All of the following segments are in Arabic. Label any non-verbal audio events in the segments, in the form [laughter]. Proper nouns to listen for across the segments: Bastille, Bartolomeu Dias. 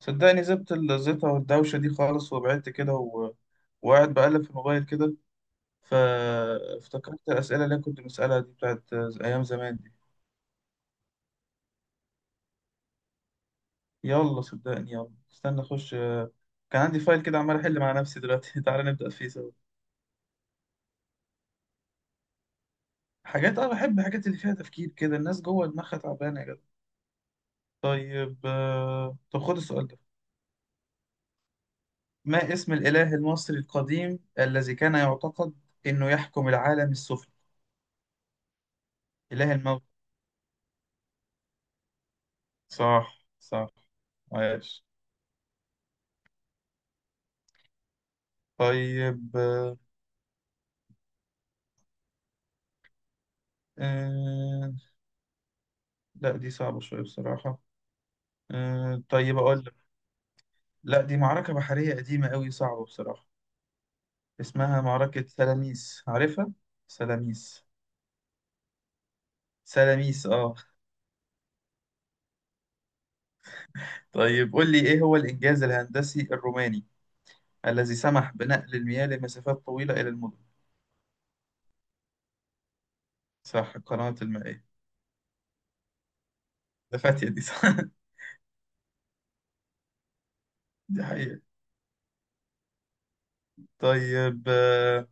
صدقني زبت الزيطة والدوشة دي خالص وبعدت كده وقاعد بقلب في الموبايل كده، فافتكرت الأسئلة اللي أنا كنت بسألها دي بتاعت أيام زمان دي. يلا صدقني، يلا استنى أخش. كان عندي فايل كده عمال أحل مع نفسي دلوقتي [laughs] تعالى نبدأ فيه سوا. حاجات أنا بحب الحاجات اللي فيها تفكير كده، الناس جوه دماغها تعبانة يا جدع. طيب طب خد السؤال ده. ما اسم الإله المصري القديم الذي كان يعتقد إنه يحكم العالم السفلي، إله الموت؟ صح صح، عايش. طيب آه، آه، لا دي صعبة شوية بصراحة. آه طيب أقول لك. لا دي معركة بحرية قديمة أوي، صعبة بصراحة. اسمها معركة سلاميس، عارفها؟ سلاميس. سلاميس آه. طيب قول لي، إيه هو الإنجاز الهندسي الروماني الذي سمح بنقل المياه لمسافات طويلة إلى المدن؟ صح، القنوات المائية، ده فاتية دي صح [laughs] دي حقيقة. طيب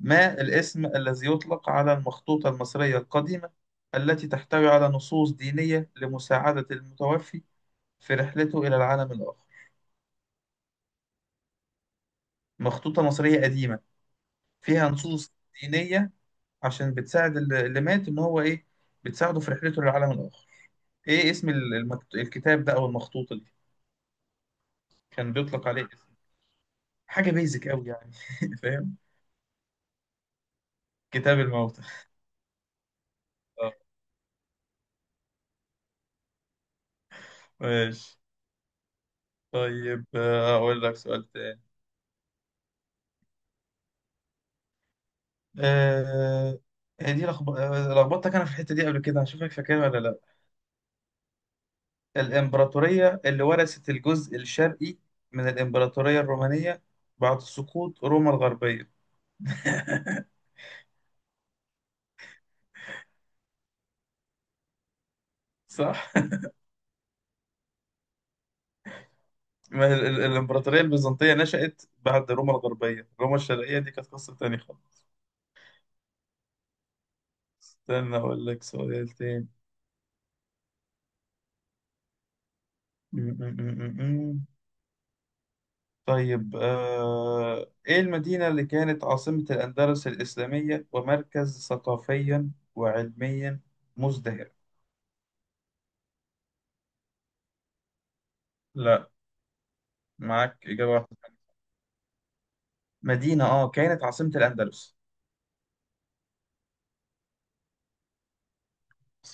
ما الاسم الذي يطلق على المخطوطة المصرية القديمة التي تحتوي على نصوص دينية لمساعدة المتوفي في رحلته إلى العالم الآخر؟ مخطوطة مصرية قديمة، فيها نصوص دينية، عشان بتساعد اللي مات إن هو إيه، بتساعده في رحلته للعالم الآخر. إيه اسم الكتاب ده أو المخطوطة دي؟ كان بيطلق عليه اسم حاجة بيزك أوي يعني [laughs] فاهم؟ كتاب الموتى. آه، ماشي. طيب أقول لك سؤال تاني. آه، هي دي لخبطتك انا في الحته دي قبل كده، هشوفك فاكرها ولا لا. الامبراطوريه اللي ورثت الجزء الشرقي من الامبراطوريه الرومانيه بعد سقوط روما الغربيه؟ صح. ما هي الامبراطوريه البيزنطيه نشأت بعد روما الغربيه، روما الشرقيه دي كانت قصه تانية خالص. استنى اقول لك سؤال تاني. م- م- م- م- م. طيب آه، ايه المدينه اللي كانت عاصمه الاندلس الاسلاميه ومركز ثقافيا وعلميا مزدهر؟ لا، معاك إجابة واحدة تانية. مدينة اه كانت عاصمة الأندلس.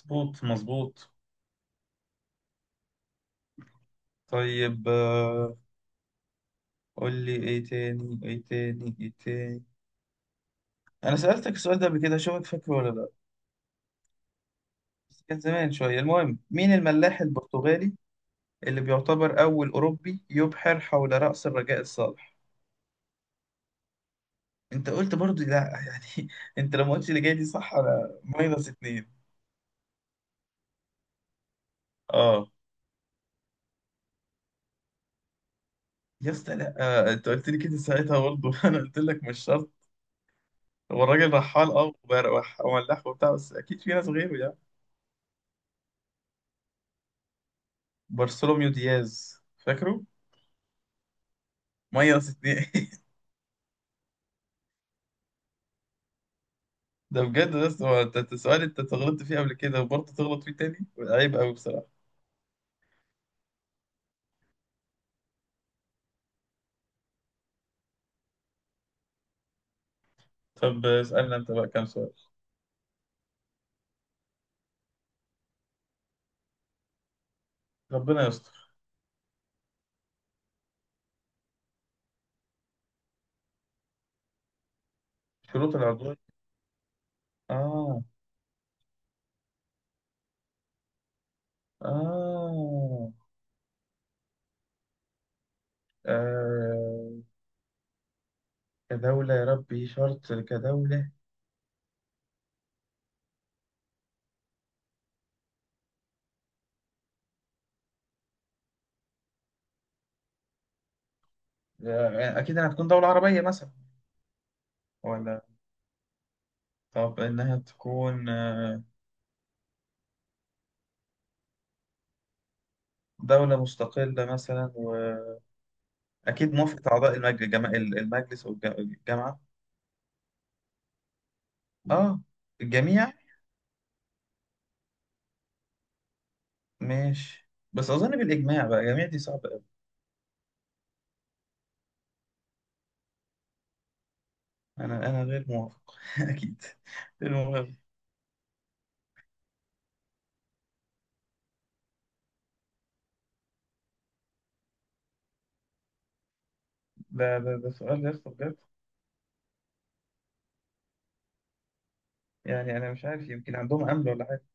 مظبوط مظبوط. طيب آه، قول لي ايه تاني ايه تاني ايه تاني. انا سألتك السؤال ده قبل كده، اشوفك فاكره ولا لا. بس كان زمان شوية. المهم، مين الملاح البرتغالي اللي بيعتبر اول اوروبي يبحر حول رأس الرجاء الصالح؟ انت قلت برضو لا يعني [laughs] انت لما قلتش اللي جاي دي صح انا ماينس اتنين. اه يا اسطى، لا. آه، انت قلت لي كده ساعتها برضه [laughs] انا قلت لك مش شرط. هو الراجل رحال اه وملاح وبتاع، بس اكيد في ناس غيره يعني. بارسلوميو دياز، فاكره؟ ماينس اتنين [laughs] ده بجد، بس هو انت سؤال انت غلطت فيه قبل كده وبرضه تغلط فيه تاني، عيب قوي بصراحة. طب اسألنا انت بقى كام سؤال. ربنا يستر. شروط العضوية، اه. اه آه، كدولة؟ يا ربي شرط كدولة. آه، أكيد إنها تكون دولة عربية مثلا؟ ولا، طب إنها تكون آه، دولة مستقلة مثلا؟ أكيد موافقة أعضاء المجلس المجلس والجامعة. آه، الجميع. ماشي، بس أظن بالإجماع بقى، الجميع دي صعبة أوي. أنا غير موافق [laughs] أكيد. المهم. ده سؤال يا اسطى بجد. يعني أنا مش عارف، يمكن عندهم أمل ولا حاجة.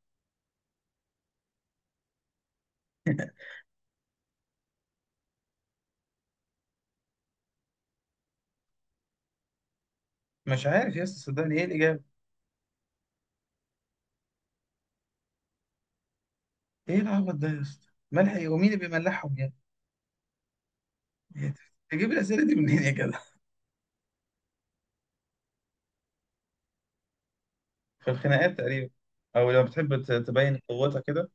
مش عارف يا اسطى، صدقني إيه الإجابة. إيه العبط ده يا اسطى؟ ملح إيه؟ ومين اللي بيملحهم يعني؟ إيه ده؟ تجيب الأسئلة دي منين يا جدع؟ [laughs] في الخناقات تقريبا، أو لو بتحب تبين قوتها كده.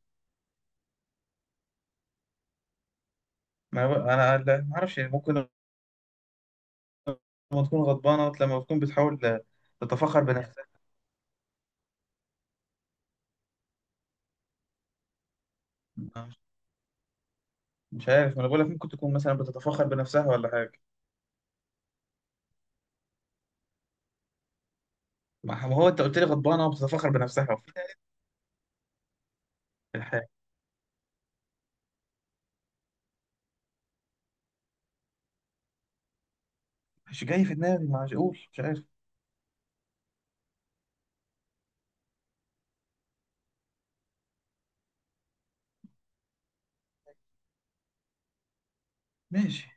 ما هو- أنا لا، ما أعرفش ممكن. لما تكون غضبانة، لما تكون بتحاول تتفخر بنفسها. مش مش عارف، ما انا بقول لك ممكن تكون مثلا بتتفخر بنفسها ولا حاجة. ما هو انت قلت لي غضبانة وبتتفخر بنفسها، وفي ده، في الحاجة. مش جاي في دماغي، ما عادش- اقول مش عارف. ماشي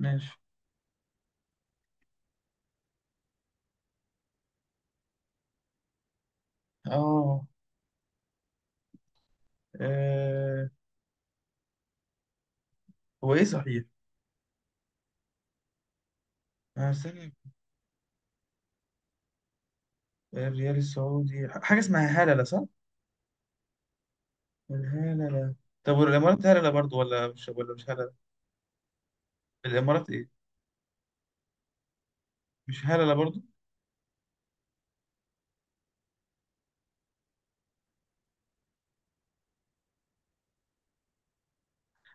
ماشي، اه. آه، هو ايه صحيح؟ أنا استنى، الريال السعودي حاجة اسمها هللة صح؟ الهللة. طب والامارات هللة برضو ولا مش، ولا مش هللة؟ الامارات ايه؟ مش هللة برضو؟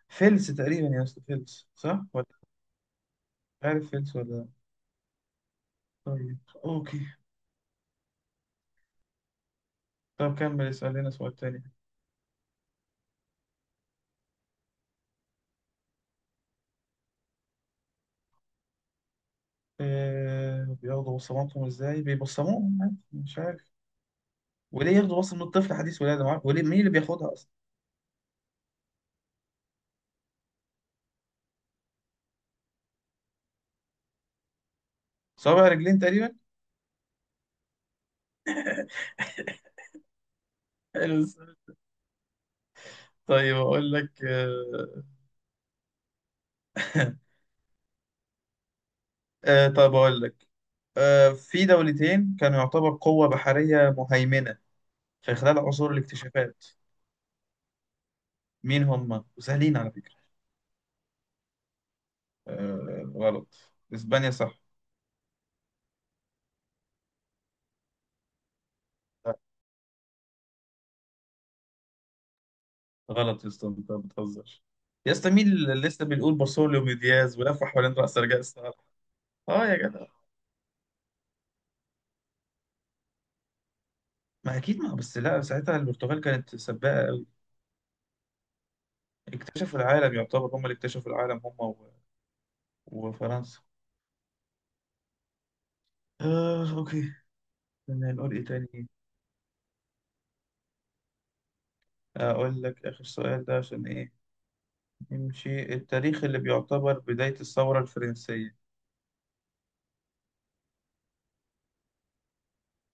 فلس تقريبا يا اسطى، فلس صح؟ ولا مش عارف، فلس ولا؟ طيب، اوكي. طب كمل اسأل لنا سؤال تاني. آه بياخدوا بصماتهم ازاي؟ بيبصموهم عادي، مش عارف. وليه ياخدوا بصمة من الطفل حديث ولادة معاه؟ وليه مين اللي بياخدها اصلا؟ صوابع رجلين تقريبا. حلو السؤال. طيب اقول لك آه [laughs] آه طب اقول لك. آه، في دولتين كانوا يعتبر قوة بحرية مهيمنة في خلال عصور الاكتشافات. مين هم؟ وسهلين على فكرة. آه غلط. اسبانيا صح. غلط يا اسطى، انت بتهزر يا اسطى، مين اللي لسه بنقول بارسوليو دياز ولف حوالين راس رجاء الصالح؟ اه يا جدع. ما اكيد، ما بس لا ساعتها البرتغال كانت سباقه قوي، اكتشفوا العالم. يعتبر هم اللي اكتشفوا العالم، هم وفرنسا. آه اوكي، كنا نقول ايه تاني. اقول لك اخر سؤال ده عشان ايه، نمشي. التاريخ اللي بيعتبر بداية الثورة الفرنسية،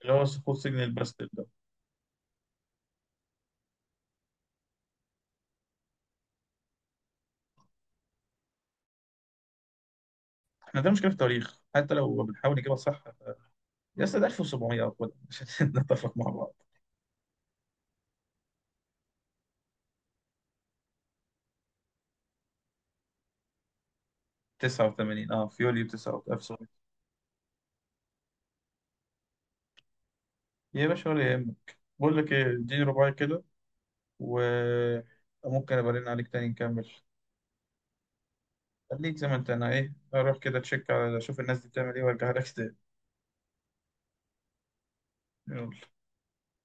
اللي هو سقوط سجن الباستيل ده. احنا ده مشكلة في التاريخ حتى لو بنحاول نجيبها صح. يا اسطى ده 1700 أو كده عشان [laughs] نتفق مع بعض. 89 اه، في يوليو 9 1900. يا باشا ولا يهمك، بقول لك ايه، اديني رباعي كده وممكن ابقى ارن عليك تاني نكمل. خليك زي ما انت، انا ايه اروح كده تشيك على، اشوف الناس دي بتعمل ايه وارجع لك تاني. يلا.